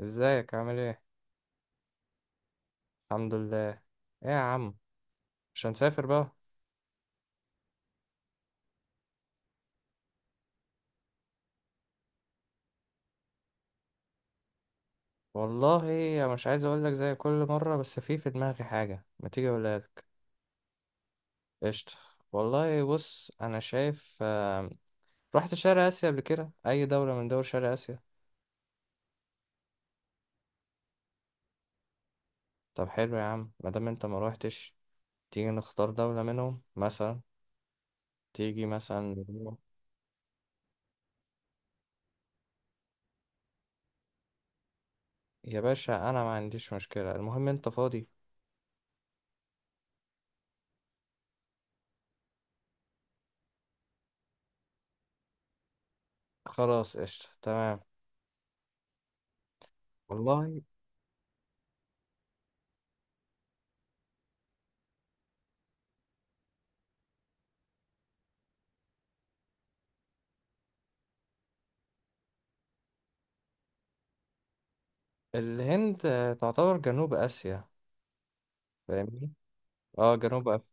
ازيك؟ عامل ايه؟ الحمد لله. ايه يا عم، مش هنسافر بقى؟ والله انا مش عايز اقول لك زي كل مره بس في دماغي حاجه ما تيجي اقولها لك. قشطه. والله بص انا شايف، رحت شرق اسيا قبل كده؟ اي دوله من دول شرق اسيا؟ طب حلو يا عم، ما دام انت ما روحتش تيجي نختار دوله منهم مثلا، تيجي مثلا. يا باشا، انا ما عنديش مشكله، المهم انت فاضي. خلاص، قشطه، تمام. والله. الهند، تعتبر جنوب اسيا. فاهمني. اه جنوب أف...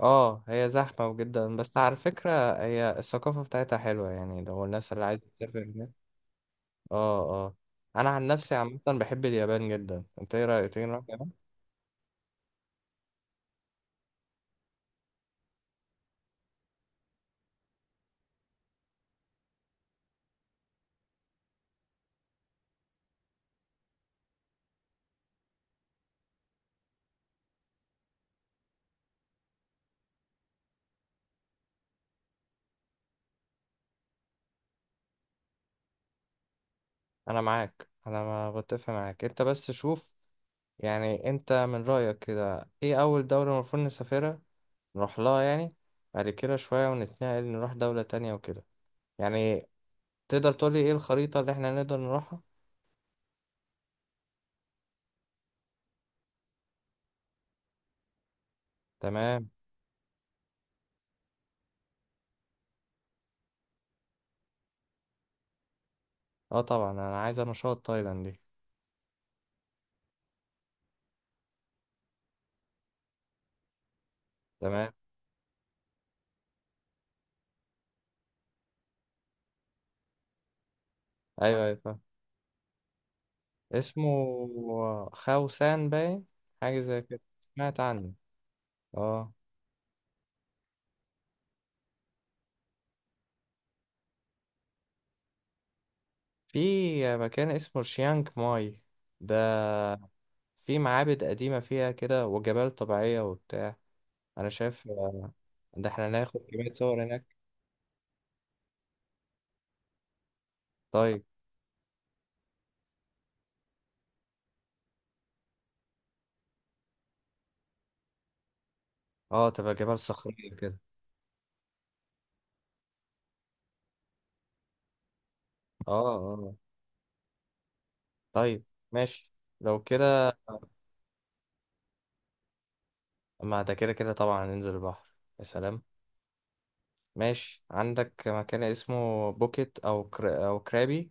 اه، هي زحمة جدا بس على فكرة. هي الثقافة بتاعتها حلوة، يعني لو الناس اللي عايزة تسافر هناك. اه، اه، انا عن نفسي عامة بحب اليابان جدا. انت ايه رأيك؟ تيجي نروح اليابان؟ انا معاك، انا ما بتفق معاك انت بس شوف، يعني انت من رأيك كده ايه اول دولة المفروض نسافرها، نروح لها يعني، بعد كده شوية ونتنقل نروح دولة تانية وكده، يعني تقدر تقولي ايه الخريطة اللي احنا نقدر نروحها؟ تمام. اه طبعا، انا عايز نشاط تايلاند دي. تمام. ايوه ايوه فاهم، اسمه خاوسان باين. حاجة زي كده. سمعت عنه. اه. في مكان اسمه شيانج ماي، ده في معابد قديمة فيها كده وجبال طبيعية وبتاع. أنا شايف ده احنا ناخد كمية صور هناك. طيب. اه، تبقى جبال صخرية كده. اه، اه. طيب، ماشي. لو كده. ما ده كده كده طبعا ننزل البحر. يا سلام. ماشي، عندك مكان اسمه بوكيت أو كرابي.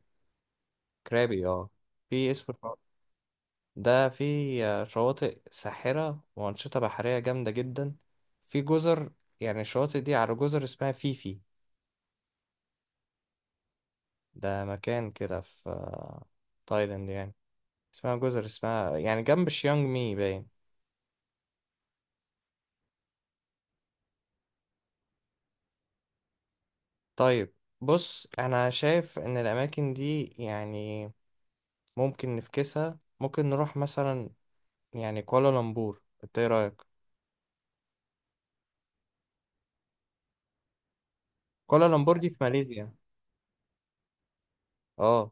كرابي، اه. في اسم، ده في شواطئ ساحرة وأنشطة بحرية جامدة جدا. في جزر، يعني الشواطئ دي على جزر اسمها فيفي. ده مكان كده في تايلاند يعني. اسمها جزر اسمها يعني جنب شيانج مي باين. طيب، بص أنا شايف إن الأماكن دي، يعني ممكن نفكسها، ممكن نروح مثلا، يعني كوالالمبور، إنت إيه رأيك؟ كوالالمبور دي في ماليزيا. اه.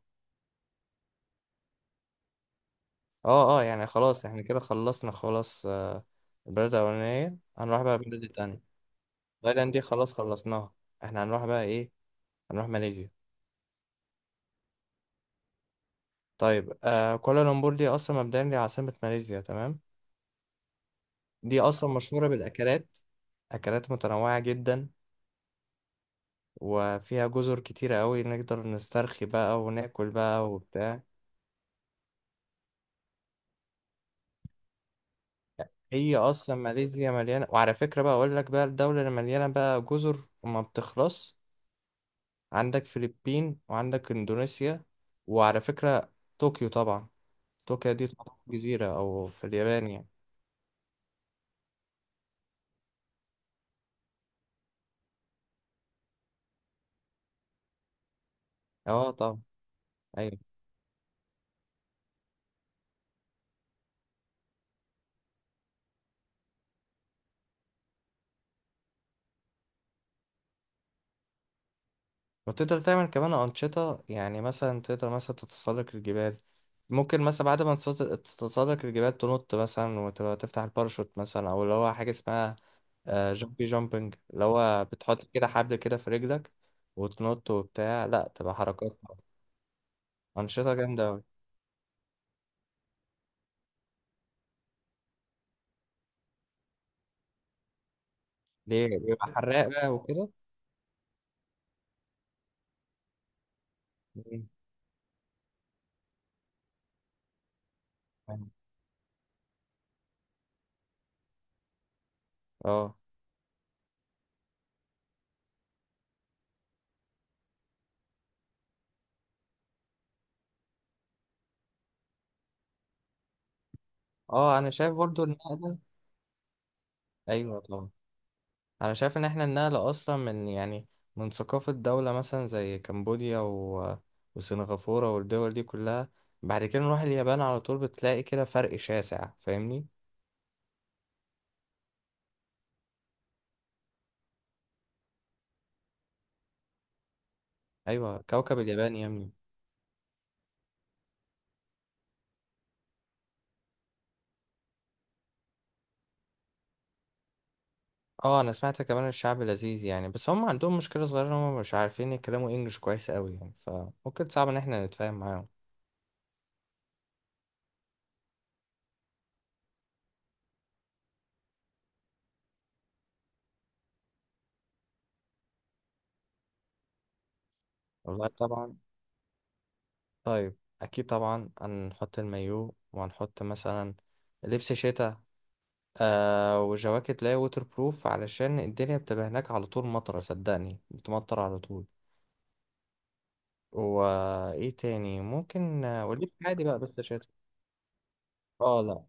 اه، اه، يعني خلاص احنا كده خلصنا خلاص. البلد الأولانية هنروح بقى البلد التانية. تايلاند دي خلاص خلصناها، احنا هنروح بقى ايه، هنروح ماليزيا. طيب، كوالالمبور دي أصلا مبدئيا دي عاصمة ماليزيا، تمام. دي أصلا مشهورة بالأكلات، أكلات متنوعة جدا، وفيها جزر كتيرة أوي، نقدر نسترخي بقى وناكل بقى وبتاع. هي أصلا ماليزيا مليانة، وعلى فكرة بقى أقول لك بقى الدولة اللي مليانة بقى جزر وما بتخلص، عندك فلبين وعندك إندونيسيا. وعلى فكرة، طوكيو طبعا، طوكيو دي تعتبر جزيرة أو في اليابان يعني. اه طبعا. أيوة. وتقدر تعمل كمان أنشطة، يعني مثلا تقدر مثلا تتسلق الجبال، ممكن مثلا بعد ما تتسلق الجبال تنط مثلا وتبقى تفتح الباراشوت مثلا، أو اللي هو حاجة اسمها جامبي جامبنج، اللي هو بتحط كده حبل كده في رجلك وتنط وبتاع، لا تبقى حركات، أنشطة جامدة أوي. ليه؟ بيبقى حراق بقى وكده. مم. أيوة. اه، اه، انا شايف برضو النقلة. ايوه طبعا. انا شايف ان احنا النقلة اصلا من يعني، من ثقافة دولة مثلا زي كمبوديا وسنغافورة والدول دي كلها، بعد كده نروح اليابان على طول بتلاقي كده فرق شاسع فاهمني. ايوه، كوكب اليابان يا ابني. اه انا سمعت كمان الشعب لذيذ يعني، بس هم عندهم مشكلة صغيرة ان هم مش عارفين يتكلموا انجلش كويس قوي يعني، فممكن صعب ان احنا نتفاهم معاهم. والله طبعا. طيب. اكيد طبعا هنحط المايو وهنحط مثلا لبس شتاء، وجواكت، لا، ووتر بروف علشان الدنيا بتبقى هناك على طول مطرة، صدقني بتمطر على طول. وايه تاني ممكن، وليك عادي بقى بس شاتي. اه، لا،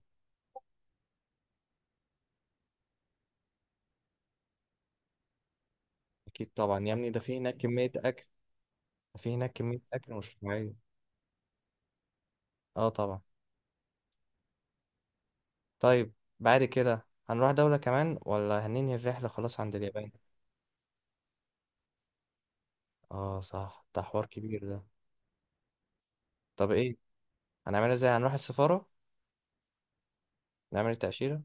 اكيد طبعا يا ابني، ده في هناك كمية اكل، ده في هناك كمية اكل مش طبيعية. اه طبعا. طيب، بعد كده هنروح دولة كمان ولا هننهي الرحلة خلاص عند اليابان؟ اه صح، ده حوار كبير ده. طب ايه، هنعملها ازاي؟ هنروح السفارة نعمل التأشيرة؟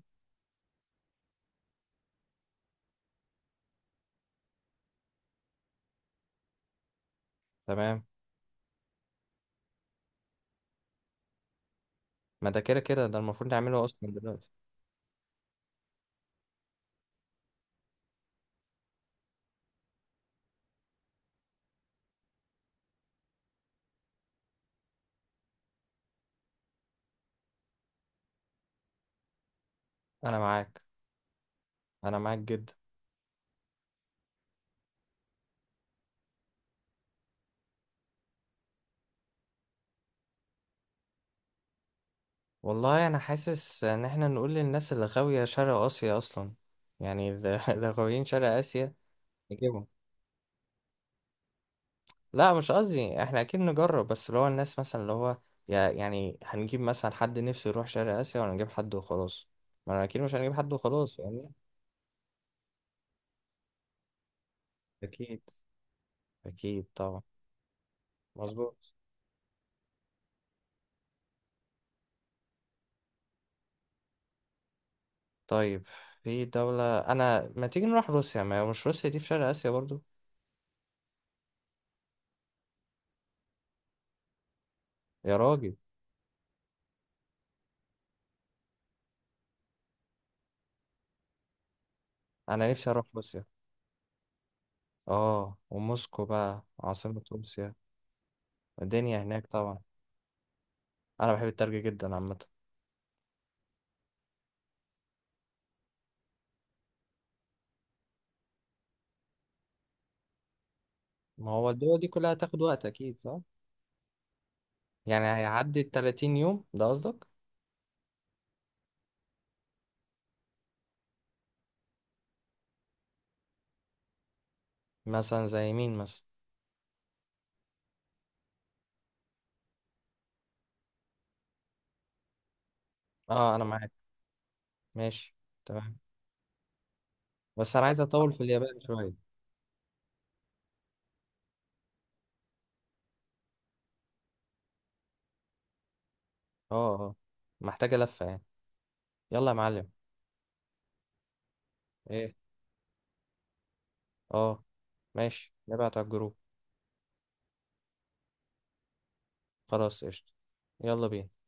تمام. ما ده كده كده ده المفروض نعمله اصلا دلوقتي. انا معاك. انا معاك جدا. والله انا حاسس ان احنا نقول للناس اللي غاوية شرق اسيا اصلا، يعني اللي اللي غاويين شرق اسيا نجيبهم. لا، مش قصدي، احنا اكيد نجرب بس اللي هو الناس مثلا اللي هو يعني هنجيب مثلا حد نفسه يروح شرق اسيا، ولا نجيب حد وخلاص؟ ما انا اكيد مش هنجيب حد وخلاص فاهمني. اكيد. اكيد طبعا. مظبوط. طيب، في دولة انا، ما تيجي نروح روسيا؟ ما هي مش روسيا دي في شرق اسيا برضو؟ يا راجل. انا نفسي اروح روسيا. اه، وموسكو بقى عاصمة روسيا. الدنيا هناك طبعا. انا بحب التلج جدا عامه. ما هو الدول دي كلها هتاخد وقت اكيد، صح. يعني هيعدي ال 30 يوم ده قصدك؟ مثلا زي مين مثلا؟ اه انا معاك. ماشي. تمام. بس انا عايز اطول في اليابان شويه. اه، اه. محتاجه لفه يعني. يلا يا معلم. ايه. اه. ماشي، نبعت على الجروب. خلاص قشطه. يلا بينا.